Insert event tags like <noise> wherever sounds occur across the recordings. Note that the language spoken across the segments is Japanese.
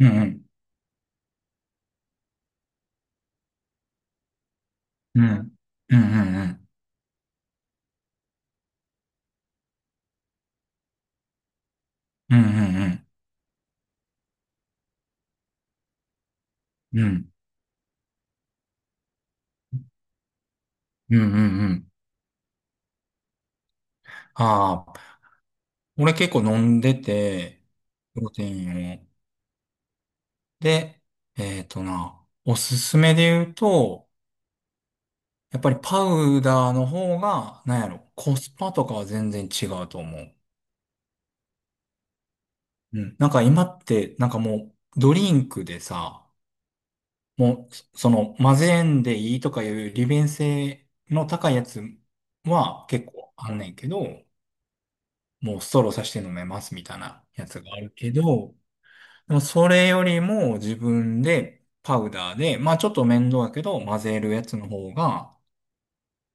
うんうん。うん。うんうんうん。うんうんうん。うんうんうんうんうんうんうんうんうんうんうんああ、俺結構飲んでて、プロテインを。で、えっとな、おすすめで言うと、やっぱりパウダーの方が、なんやろ、コスパとかは全然違うと思う。うん。なんか今って、なんかもう、ドリンクでさ、もう、その、混ぜんでいいとかいう利便性の高いやつは結構あんねんけど、もうストローさして飲めますみたいなやつがあるけど、でもそれよりも自分でパウダーで、まあちょっと面倒だけど混ぜるやつの方が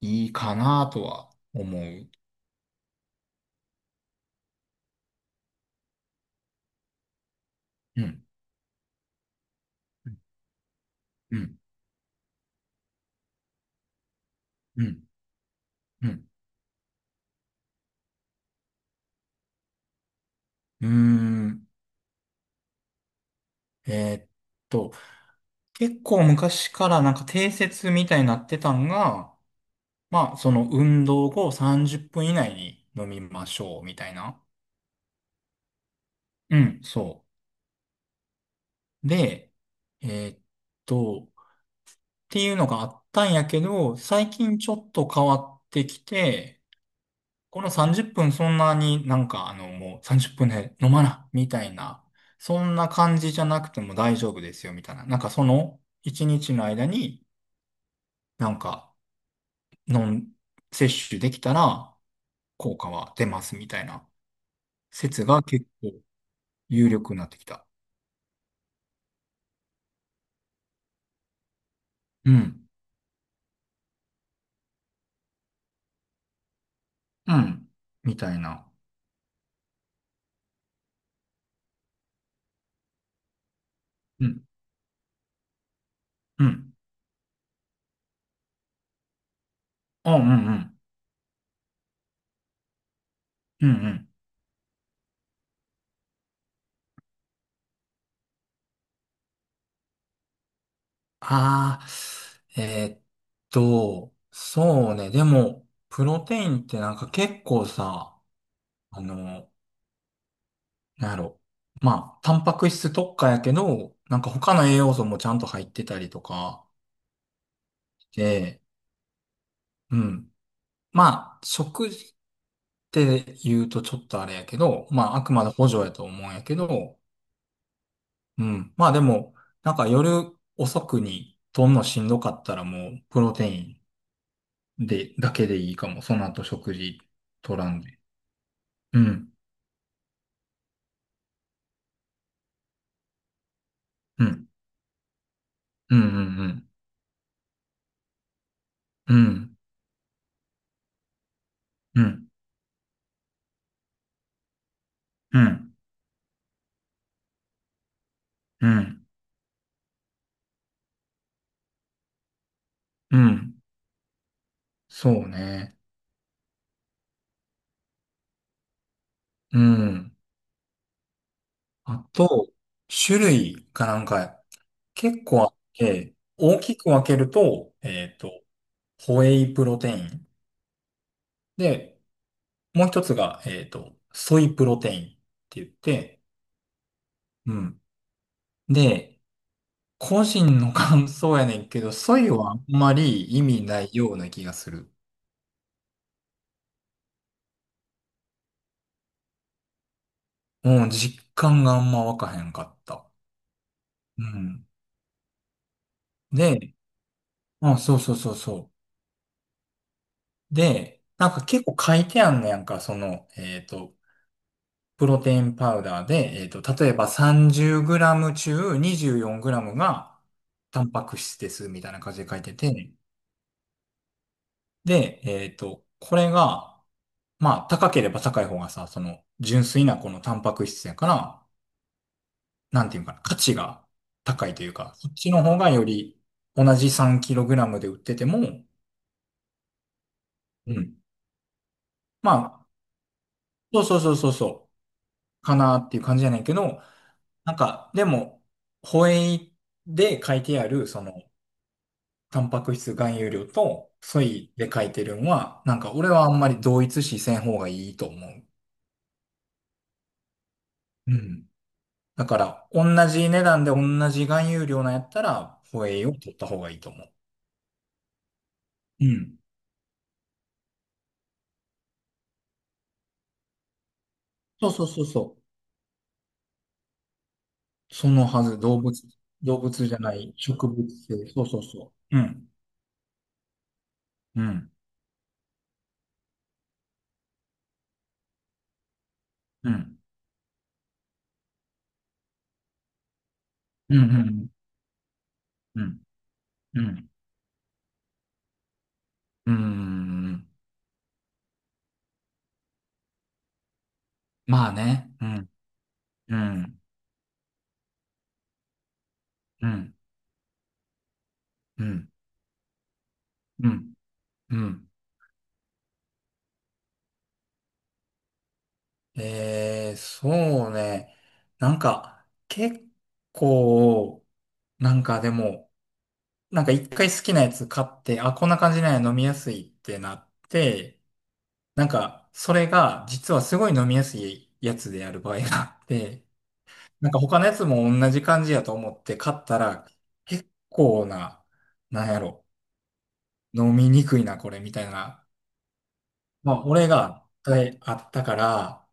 いいかなとは思う。うん。うん。うん。うん。うーん。えーっと、結構昔からなんか定説みたいになってたんが、まあその運動後30分以内に飲みましょうみたいな。うん、そう。で、えーっと、っていうのがあったんやけど、最近ちょっと変わってきて、この30分そんなになんかもう30分で飲まな、みたいな、そんな感じじゃなくても大丈夫ですよ、みたいな。なんかその1日の間になんか飲ん、摂取できたら効果は出ます、みたいな説が結構有力になってきた。うん、うん、みたいな。うん、うん。あ、うん、うん、うん、うん。ああ、えーっそうね。でも、プロテインってなんか結構さ、あの、なんやろ。まあ、タンパク質特化やけど、なんか他の栄養素もちゃんと入ってたりとかで、うん。まあ、食事って言うとちょっとあれやけど、まあ、あくまで補助やと思うんやけど、うん。まあでも、なんか夜遅くにとんのしんどかったらもう、プロテイン。で、だけでいいかも。その後食事取らんで。うん、うん、うん、うん、うん、うん、うん、うん、うん、そうね。うん。あと、種類がなんか結構あって、大きく分けると、ホエイプロテイン。で、もう一つが、ソイプロテインって言って、うん。で、個人の感想やねんけど、ソイはあんまり意味ないような気がする。うん、実感があんま湧かへんかった。うん。で、あそうそうそうそう。で、なんか結構書いてあんねやんか、その、プロテインパウダーで、例えば 30g 中 24g がタンパク質ですみたいな感じで書いてて、で、これが、まあ、高ければ高い方がさ、その、純粋なこのタンパク質やから、なんていうかな、価値が高いというか、そっちの方がより同じ 3kg で売ってても、うん。まあ、そうそうそうそうそう、かなっていう感じじゃないけど、なんか、でも、ホエイで書いてある、その、タンパク質含有量と、ソイで書いてるのは、なんか俺はあんまり同一視せん方がいいと思う。うん。だから、同じ値段で同じ含有量なんやったら、ホエイを取った方がいいと思う。うん。そうそうそうそう。そのはず、動物じゃない、植物性、そうそうそう。うん、うん、うん、うん、うん、うん、うん、うん、まあね、うん、うん、うん、うん、うん、うん。そうね、なんか、結構、なんかでも、なんか一回好きなやつ買って、あ、こんな感じなんや飲みやすいってなって、なんか、それが、実はすごい飲みやすいやつである場合があって、なんか他のやつも同じ感じやと思って買ったら、結構な、なんやろ、飲みにくいな、これ、みたいな。まあ、俺があったあったから、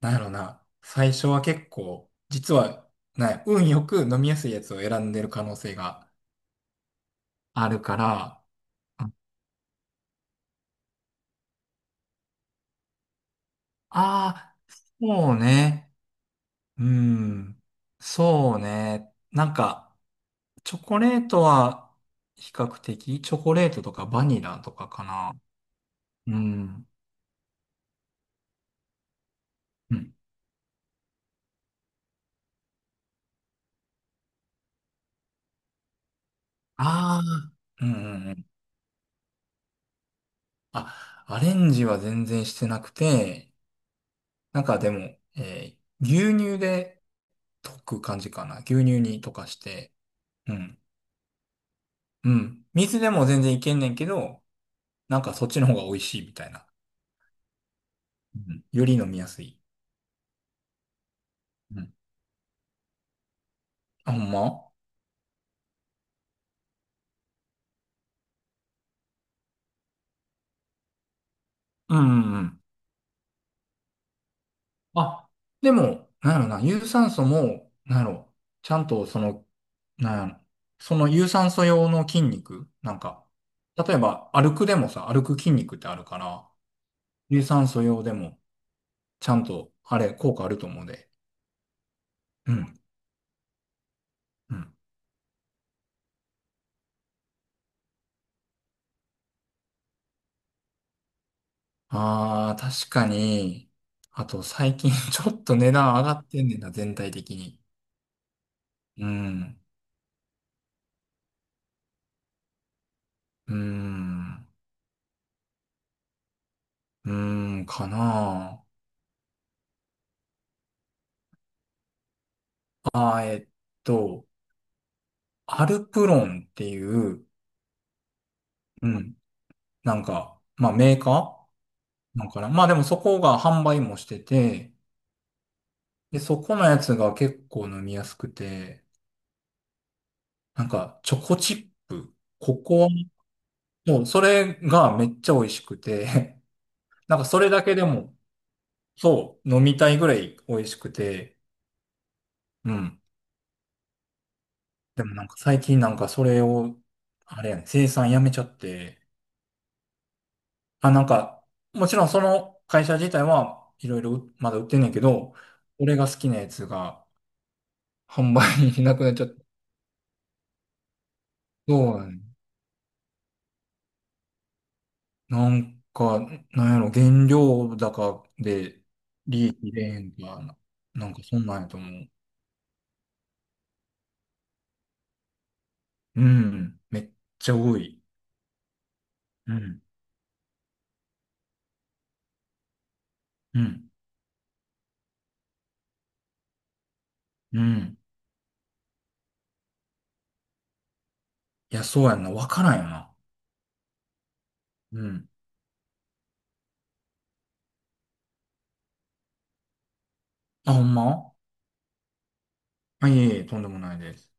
なんやろな、最初は結構、実は、なんや運よく飲みやすいやつを選んでる可能性があるから、ああー、そうね、うん、そうね、なんか、チョコレートは比較的、チョコレートとかバニラとかかな。うん。ああ、うんうんうん。あ、アレンジは全然してなくて、なんかでも、牛乳で溶く感じかな。牛乳に溶かして、うん。うん。水でも全然いけんねんけど、なんかそっちの方が美味しいみたいな。うん。より飲みやすい。うん。あ、ほんまうんうんうん。あ、でも、なんやろな、有酸素も、なんやろ、ちゃんとその、なんやろ、その有酸素用の筋肉、なんか、例えば歩くでもさ、歩く筋肉ってあるから、有酸素用でも、ちゃんと、あれ、効果あると思うで。うん。うん。ああ確かに。あと、最近 <laughs> ちょっと値段上がってんねんな、全体的に。うん。うーん。うーん、かなああー、えっと、アルプロンっていう、うん。なんか、まあメーカーなんかな。まあでもそこが販売もしてて、で、そこのやつが結構飲みやすくて、なんかチョコチップ、ココア、そう、それがめっちゃ美味しくて、<laughs> なんかそれだけでも、そう、飲みたいぐらい美味しくて、うん。でもなんか最近なんかそれを、あれやね、生産やめちゃって、あ、なんか、もちろんその会社自体はいろいろまだ売ってんねんけど、俺が好きなやつが、販売になくなっちゃった。そうだね。なんか、なんやろ、原料高で利益出へんとかな、なんかそんなんやと思う。うん。めっちゃ多い。うん。うん。うん。いや、そうやんな。わからんよな。うん。あ、ほんまあ、いえいえ、とんでもないです。